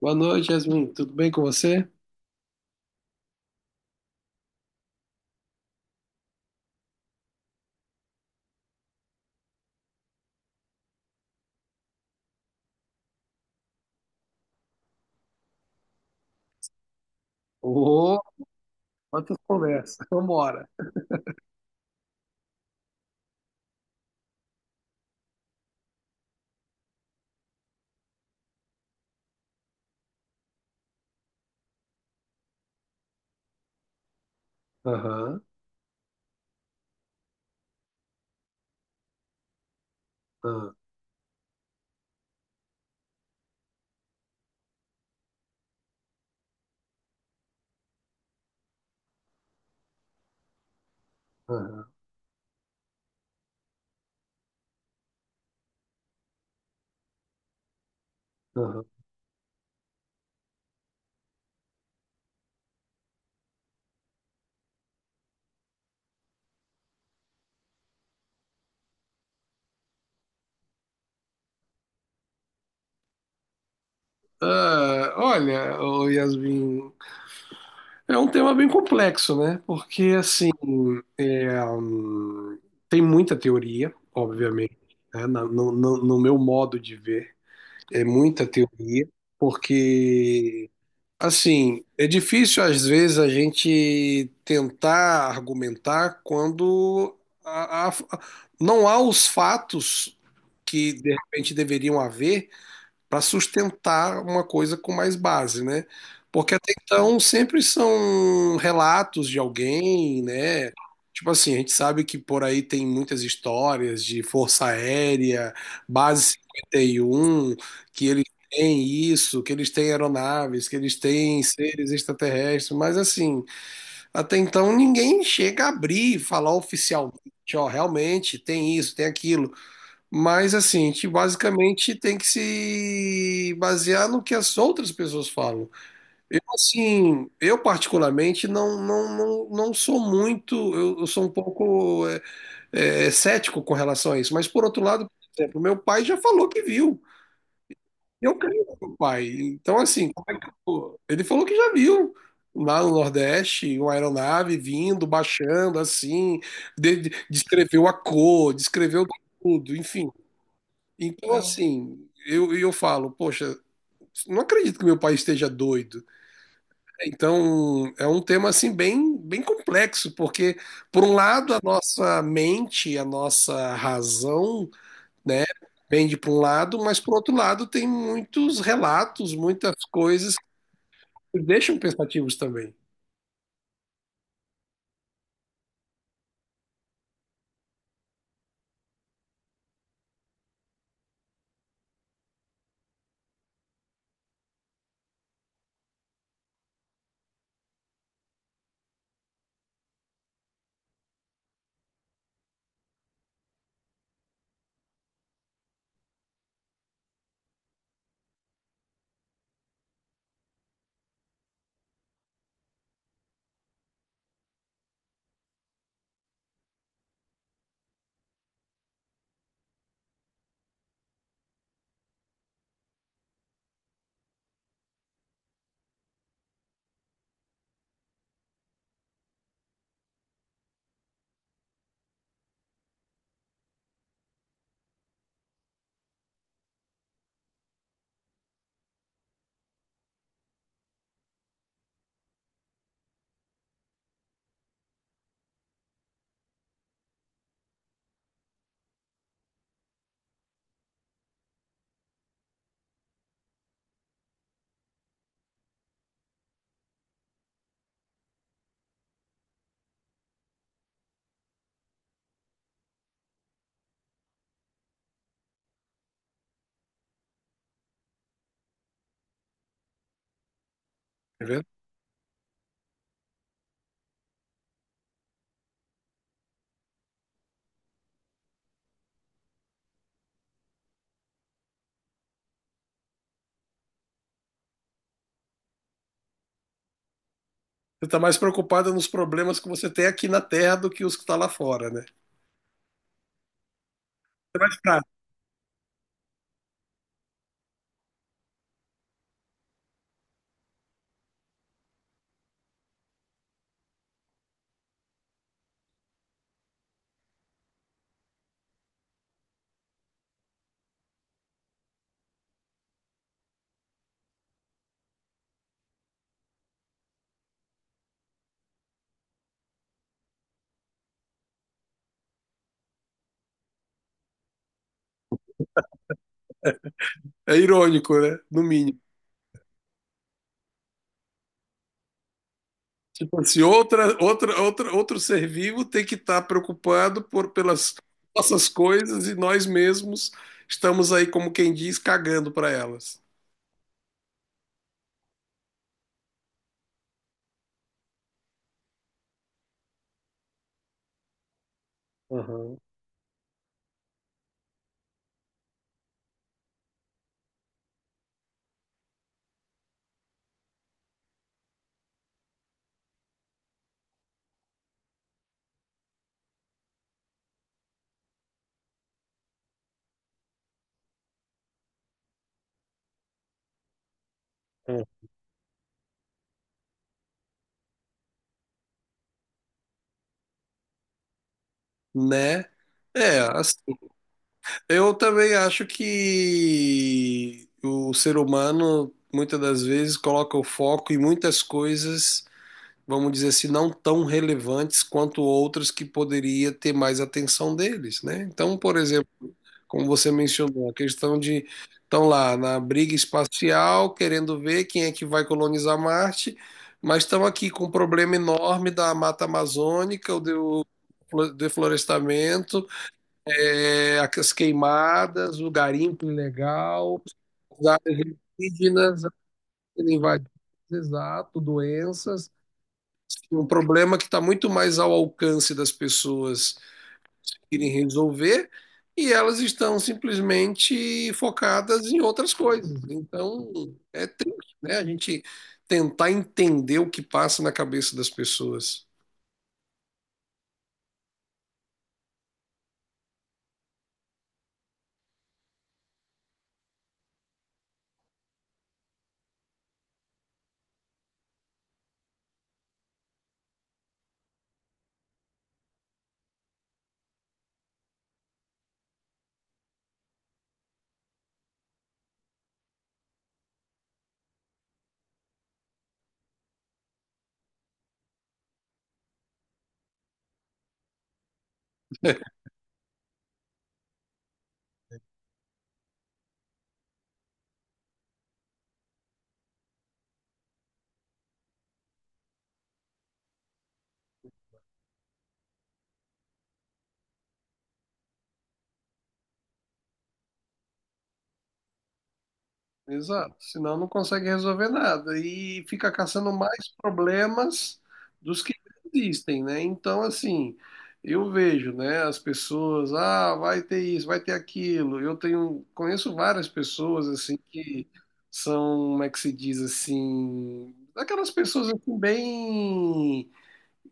Boa noite, Yasmin. Tudo bem com você? Ô, quantas conversas. Vambora. Aham, aham, aham, aham. Ah, olha, ô Yasmin, é um tema bem complexo, né? Porque, assim, é, hum, tem muita teoria, obviamente, né? No meu modo de ver, é muita teoria, porque assim, é difícil às vezes a gente tentar argumentar quando a- a- não há os fatos que de repente deveriam haver para sustentar uma coisa com mais base, né? Porque até então sempre são relatos de alguém, né? Tipo assim, a gente sabe que por aí tem muitas histórias de Força Aérea, Base 51, que eles têm isso, que eles têm aeronaves, que eles têm seres extraterrestres, mas assim, até então ninguém chega a abrir e falar oficialmente, ó, realmente tem isso, tem aquilo. Mas assim, que basicamente tem que se basear no que as outras pessoas falam. Assim, eu particularmente não sou muito, eu sou um pouco cético com relação a isso. Mas por outro lado, por exemplo, meu pai já falou que viu. Eu creio no meu pai. Então, assim, como é que eu vou? Ele falou que já viu. Lá no Nordeste, uma aeronave vindo, baixando, assim, descreveu a cor, descreveu tudo, enfim. Então, é, assim, eu falo, poxa, não acredito que meu pai esteja doido. Então, é um tema, assim, bem complexo, porque, por um lado, a nossa mente, a nossa razão, né, pende para um lado, mas, por outro lado, tem muitos relatos, muitas coisas que nos deixam pensativos também, tá vendo? Você está mais preocupada nos problemas que você tem aqui na Terra do que os que está lá fora, né? É mais prático, é irônico, né? No mínimo. Tipo assim, outro ser vivo tem que estar preocupado por, pelas nossas coisas e nós mesmos estamos aí, como quem diz, cagando para elas. Aham, é, né? É, eu também acho que o ser humano muitas das vezes coloca o foco em muitas coisas, vamos dizer assim, não tão relevantes quanto outras que poderia ter mais atenção deles, né? Então, por exemplo, como você mencionou, a questão de estão lá na briga espacial, querendo ver quem é que vai colonizar Marte, mas estão aqui com um problema enorme da mata amazônica, o do deflorestamento, é, as queimadas, o garimpo ilegal, as áreas indígenas sendo invadidas, exato, doenças, um problema que está muito mais ao alcance das pessoas conseguirem resolver e elas estão simplesmente focadas em outras coisas. Então, é triste, né? A gente tentar entender o que passa na cabeça das pessoas. Exato, senão não consegue resolver nada e fica caçando mais problemas dos que existem, né? Então, assim, eu vejo, né, as pessoas, ah, vai ter isso, vai ter aquilo. Eu tenho, conheço várias pessoas assim que são, como é que se diz assim, aquelas pessoas assim bem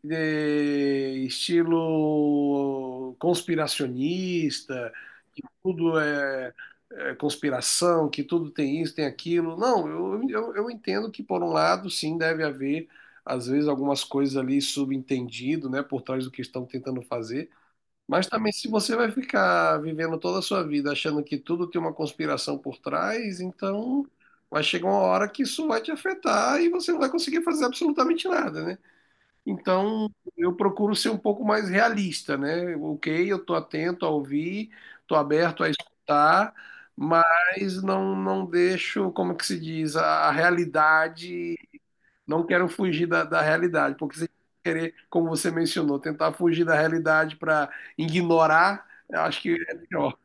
de estilo conspiracionista, que tudo é, é conspiração, que tudo tem isso, tem aquilo. Não, eu entendo que, por um lado, sim, deve haver, às vezes, algumas coisas ali subentendido, né, por trás do que estão tentando fazer. Mas também, se você vai ficar vivendo toda a sua vida achando que tudo tem uma conspiração por trás, então vai chegar uma hora que isso vai te afetar e você não vai conseguir fazer absolutamente nada, né? Então, eu procuro ser um pouco mais realista, né? Ok, eu estou atento a ouvir, estou aberto a escutar, mas não, não deixo, como que se diz, a realidade, não quero fugir da realidade, porque se querer, como você mencionou, tentar fugir da realidade para ignorar, eu acho que é pior.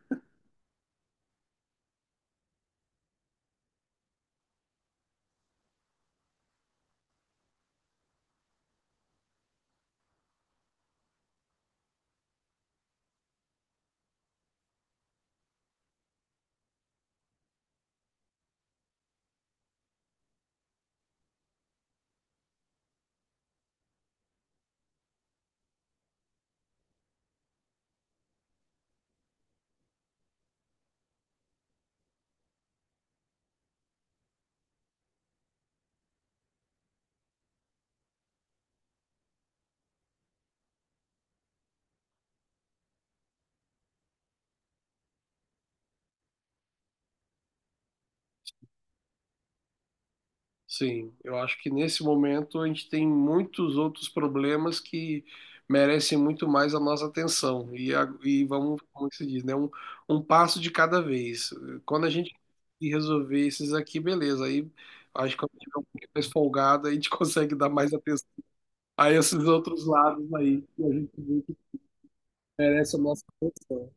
Sim, eu acho que nesse momento a gente tem muitos outros problemas que merecem muito mais a nossa atenção. E, e vamos, como que se diz, né? Um passo de cada vez. Quando a gente resolver esses aqui, beleza. Aí acho que quando tiver um pouquinho mais folgado, a gente consegue dar mais atenção a esses outros lados aí que a gente vê que merece a nossa atenção.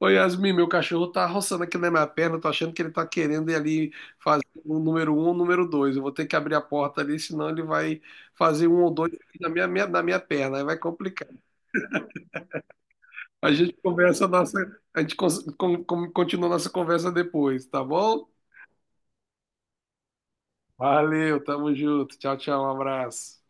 Oi Yasmin, meu cachorro tá roçando aqui na minha perna, eu tô achando que ele tá querendo ir ali fazer o número um, o número dois. Eu vou ter que abrir a porta ali, senão ele vai fazer um ou dois aqui na na minha perna, aí vai complicar. A gente conversa nossa, a gente continua nossa conversa depois, tá bom? Valeu, tamo junto. Tchau, tchau, um abraço.